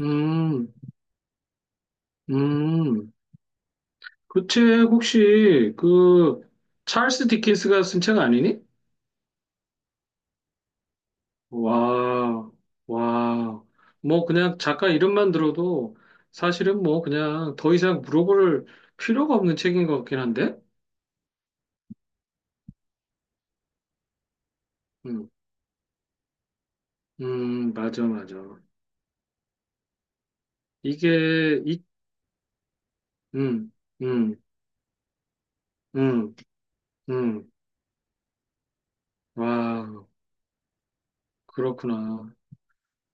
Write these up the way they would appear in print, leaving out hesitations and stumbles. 음, 음. 그 책 혹시 그 찰스 디킨스가 쓴 책 아니니? 와, 와. 뭐 그냥 작가 이름만 들어도 사실은 뭐 그냥 더 이상 물어볼 필요가 없는 책인 것 같긴 한데? 음, 맞아, 맞아. 이게, 이, 음, 음, 음, 음. 와, 그렇구나.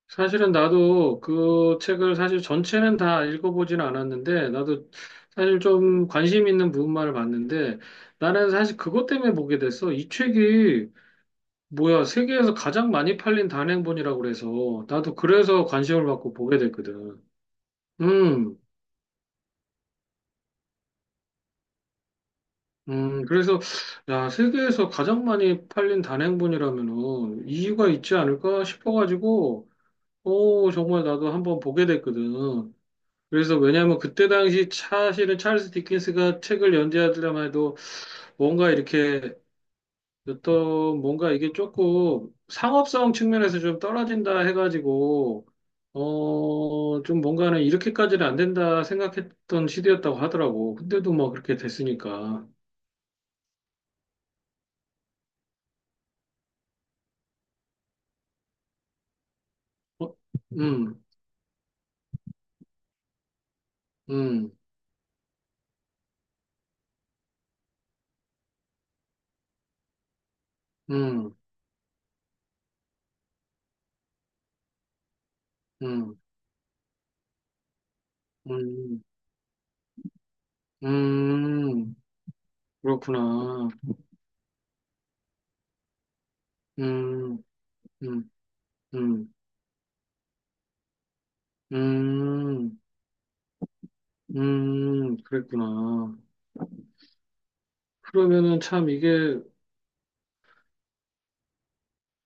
사실은 나도 그 책을 사실 전체는 다 읽어보지는 않았는데, 나도 사실 좀 관심 있는 부분만을 봤는데, 나는 사실 그것 때문에 보게 됐어. 이 책이, 뭐야, 세계에서 가장 많이 팔린 단행본이라고 그래서, 나도 그래서 관심을 받고 보게 됐거든. 음, 그래서, 야, 세계에서 가장 많이 팔린 단행본이라면은, 이유가 있지 않을까 싶어가지고, 오, 정말 나도 한번 보게 됐거든. 그래서 왜냐하면 그때 당시 사실은 찰스 디킨스가 책을 연재하더라 해도 뭔가 이렇게 어떤 뭔가 이게 조금 상업성 측면에서 좀 떨어진다 해가지고 어 좀 뭔가는 이렇게까지는 안 된다 생각했던 시대였다고 하더라고. 근데도 뭐 그렇게 됐으니까. 어? 음, 음, 음, 음, 음, 음, 그렇구나. 음, 음, 음, 음. 그랬구나. 그러면은 참 이게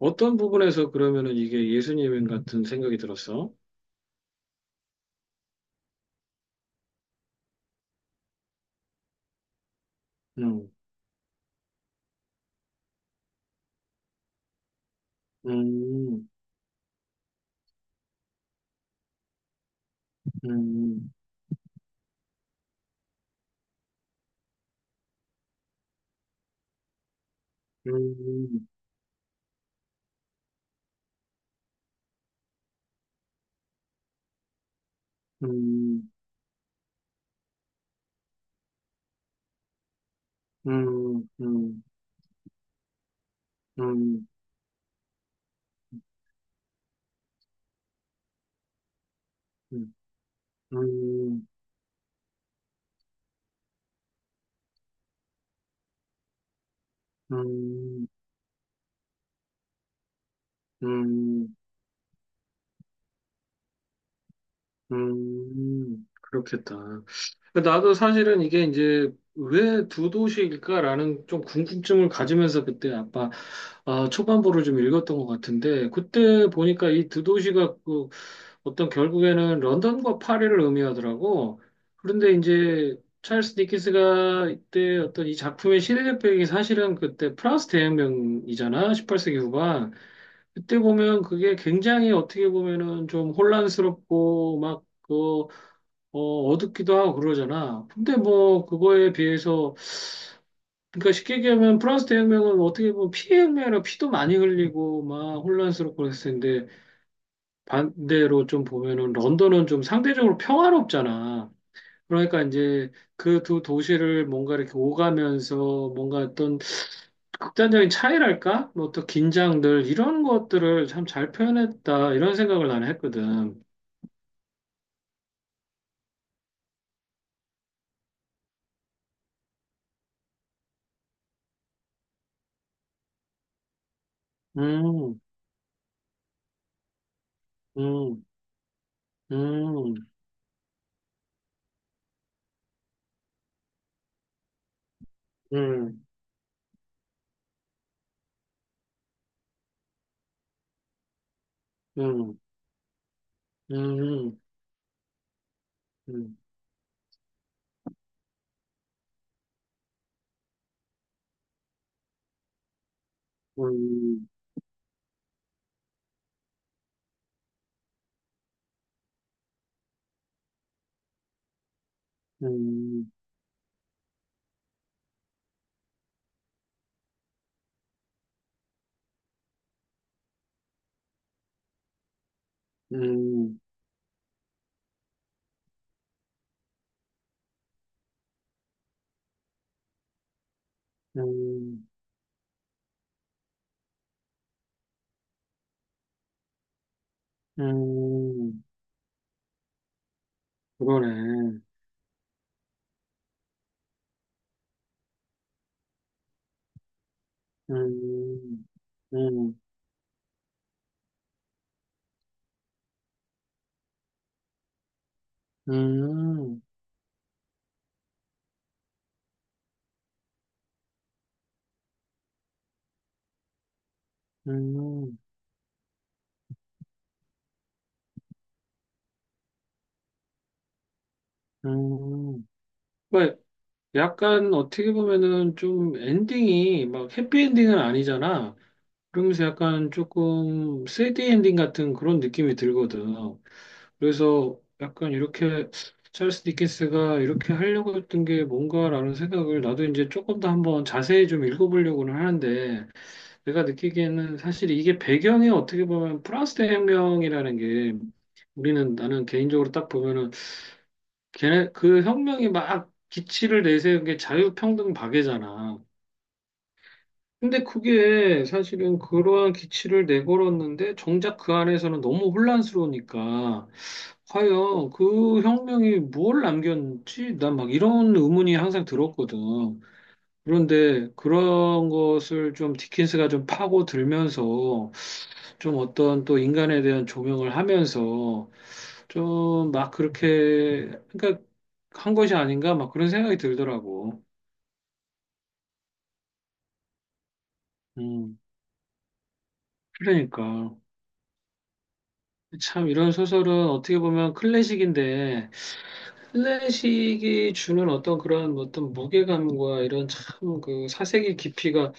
어떤 부분에서 그러면은 이게 예수님 같은 생각이 들었어? 음, 음, 음, 음, 음, 음, 음, 음, 음, 음, 음, 음, 그렇겠다. 그러니까 나도 사실은 이게 이제 왜 두 도시일까라는 좀 궁금증을 가지면서 그때 아빠 아, 초반부를 좀 읽었던 것 같은데 그때 보니까 이 두 도시가 그 어떤 결국에는 런던과 파리를 의미하더라고. 그런데 이제 찰스 디킨스가 이때 어떤 이 작품의 시대적 배경이 사실은 그때 프랑스 대혁명이잖아. 18세기 후반. 그때 보면 그게 굉장히 어떻게 보면은 좀 혼란스럽고 막 그, 어, 어둡기도 하고 그러잖아. 근데 뭐 그거에 비해서 그러니까 쉽게 얘기하면 프랑스 대혁명은 어떻게 보면 피해 혁명이라 피도 많이 흘리고 막 혼란스럽고 그랬을 텐데 반대로 좀 보면은 런던은 좀 상대적으로 평화롭잖아. 그러니까 이제 그 두 도시를 뭔가 이렇게 오가면서 뭔가 어떤 극단적인 차이랄까? 뭐 또 긴장들 이런 것들을 참 잘 표현했다 이런 생각을 나는 했거든. 음, 음, 음, 음, 음, 음, 음, 음, 음, 음, 음, 음, 음, 그러네. 음, 음, 음, 음, 음. 왜 약간 어떻게 보면은 좀 엔딩이 막 해피엔딩은 아니잖아. 그러면서 약간 조금 3D 엔딩 같은 그런 느낌이 들거든. 그래서 약간 이렇게 찰스 디킨스가 이렇게 하려고 했던 게 뭔가라는 생각을 나도 이제 조금 더 한번 자세히 좀 읽어보려고는 하는데 내가 느끼기에는 사실 이게 배경이 어떻게 보면 프랑스 혁명이라는 게 우리는 나는 개인적으로 딱 보면은 걔네 그 혁명이 막 기치를 내세운 게 자유평등 박애잖아. 근데 그게 사실은 그러한 기치를 내걸었는데 정작 그 안에서는 너무 혼란스러우니까 과연 그 혁명이 뭘 남겼는지 난 막 이런 의문이 항상 들었거든. 그런데 그런 것을 좀 디킨스가 좀 파고들면서 좀 어떤 또 인간에 대한 조명을 하면서 좀 막 그렇게 그러니까 한 것이 아닌가 막 그런 생각이 들더라고. 음, 그러니까. 참 이런 소설은 어떻게 보면 클래식인데 클래식이 주는 어떤 그런 어떤 무게감과 이런 참 그 사색의 깊이가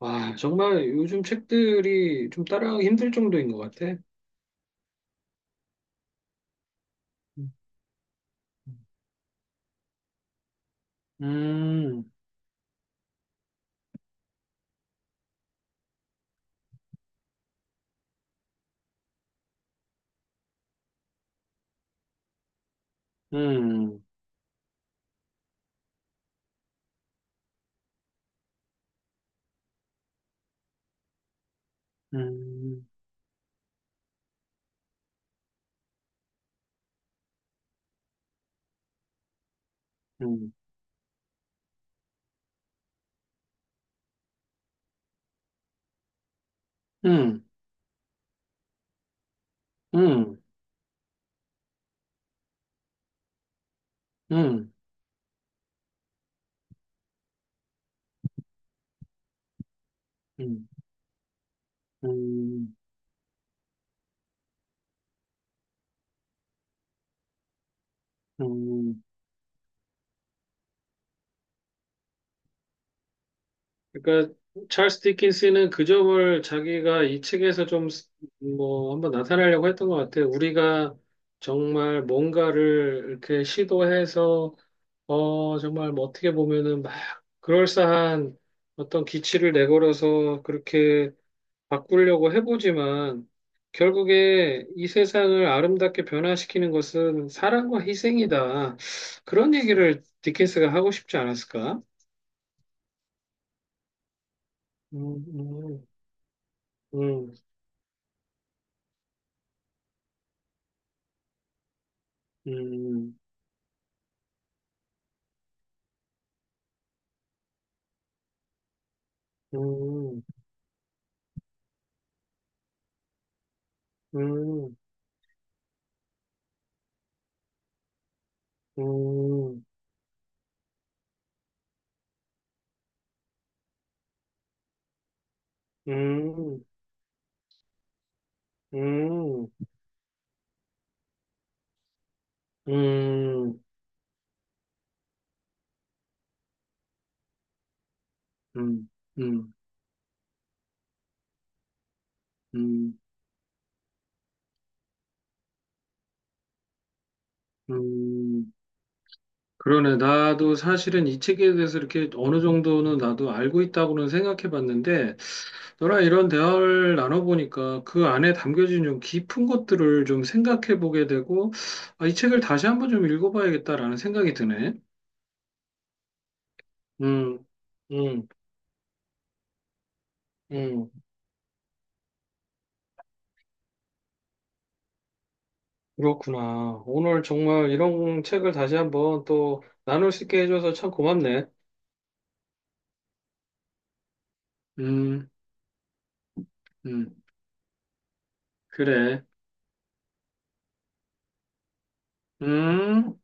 와 정말 요즘 책들이 좀 따라하기 힘들 정도인 것 같아. 음, 음, 음, 음, 음, 음, 음, 음, 음, 음, 음. 그러니까 찰스 디킨스는 그 점을 자기가 이 책에서 좀 뭐 한번 나타내려고 했던 것 같아요. 우리가 정말 뭔가를 이렇게 시도해서 어 정말 뭐 어떻게 보면은 막 그럴싸한 어떤 기치를 내걸어서 그렇게 바꾸려고 해보지만 결국에 이 세상을 아름답게 변화시키는 것은 사랑과 희생이다. 그런 얘기를 디킨스가 하고 싶지 않았을까? 음, 음, 음. 음, 음, 음, 음, 음, 음, 음, 음, 음, 음, 음. 그러네. 나도 사실은 이 책에 대해서 이렇게 어느 정도는 나도 알고 있다고는 생각해 봤는데, 너랑 이런 대화를 나눠보니까 그 안에 담겨진 좀 깊은 것들을 좀 생각해 보게 되고, 아, 이 책을 다시 한번 좀 읽어봐야겠다라는 생각이 드네. 음, 음, 음. 그렇구나. 오늘 정말 이런 책을 다시 한번 또 나눌 수 있게 해줘서 참 고맙네. 음, 음, 그래. 음.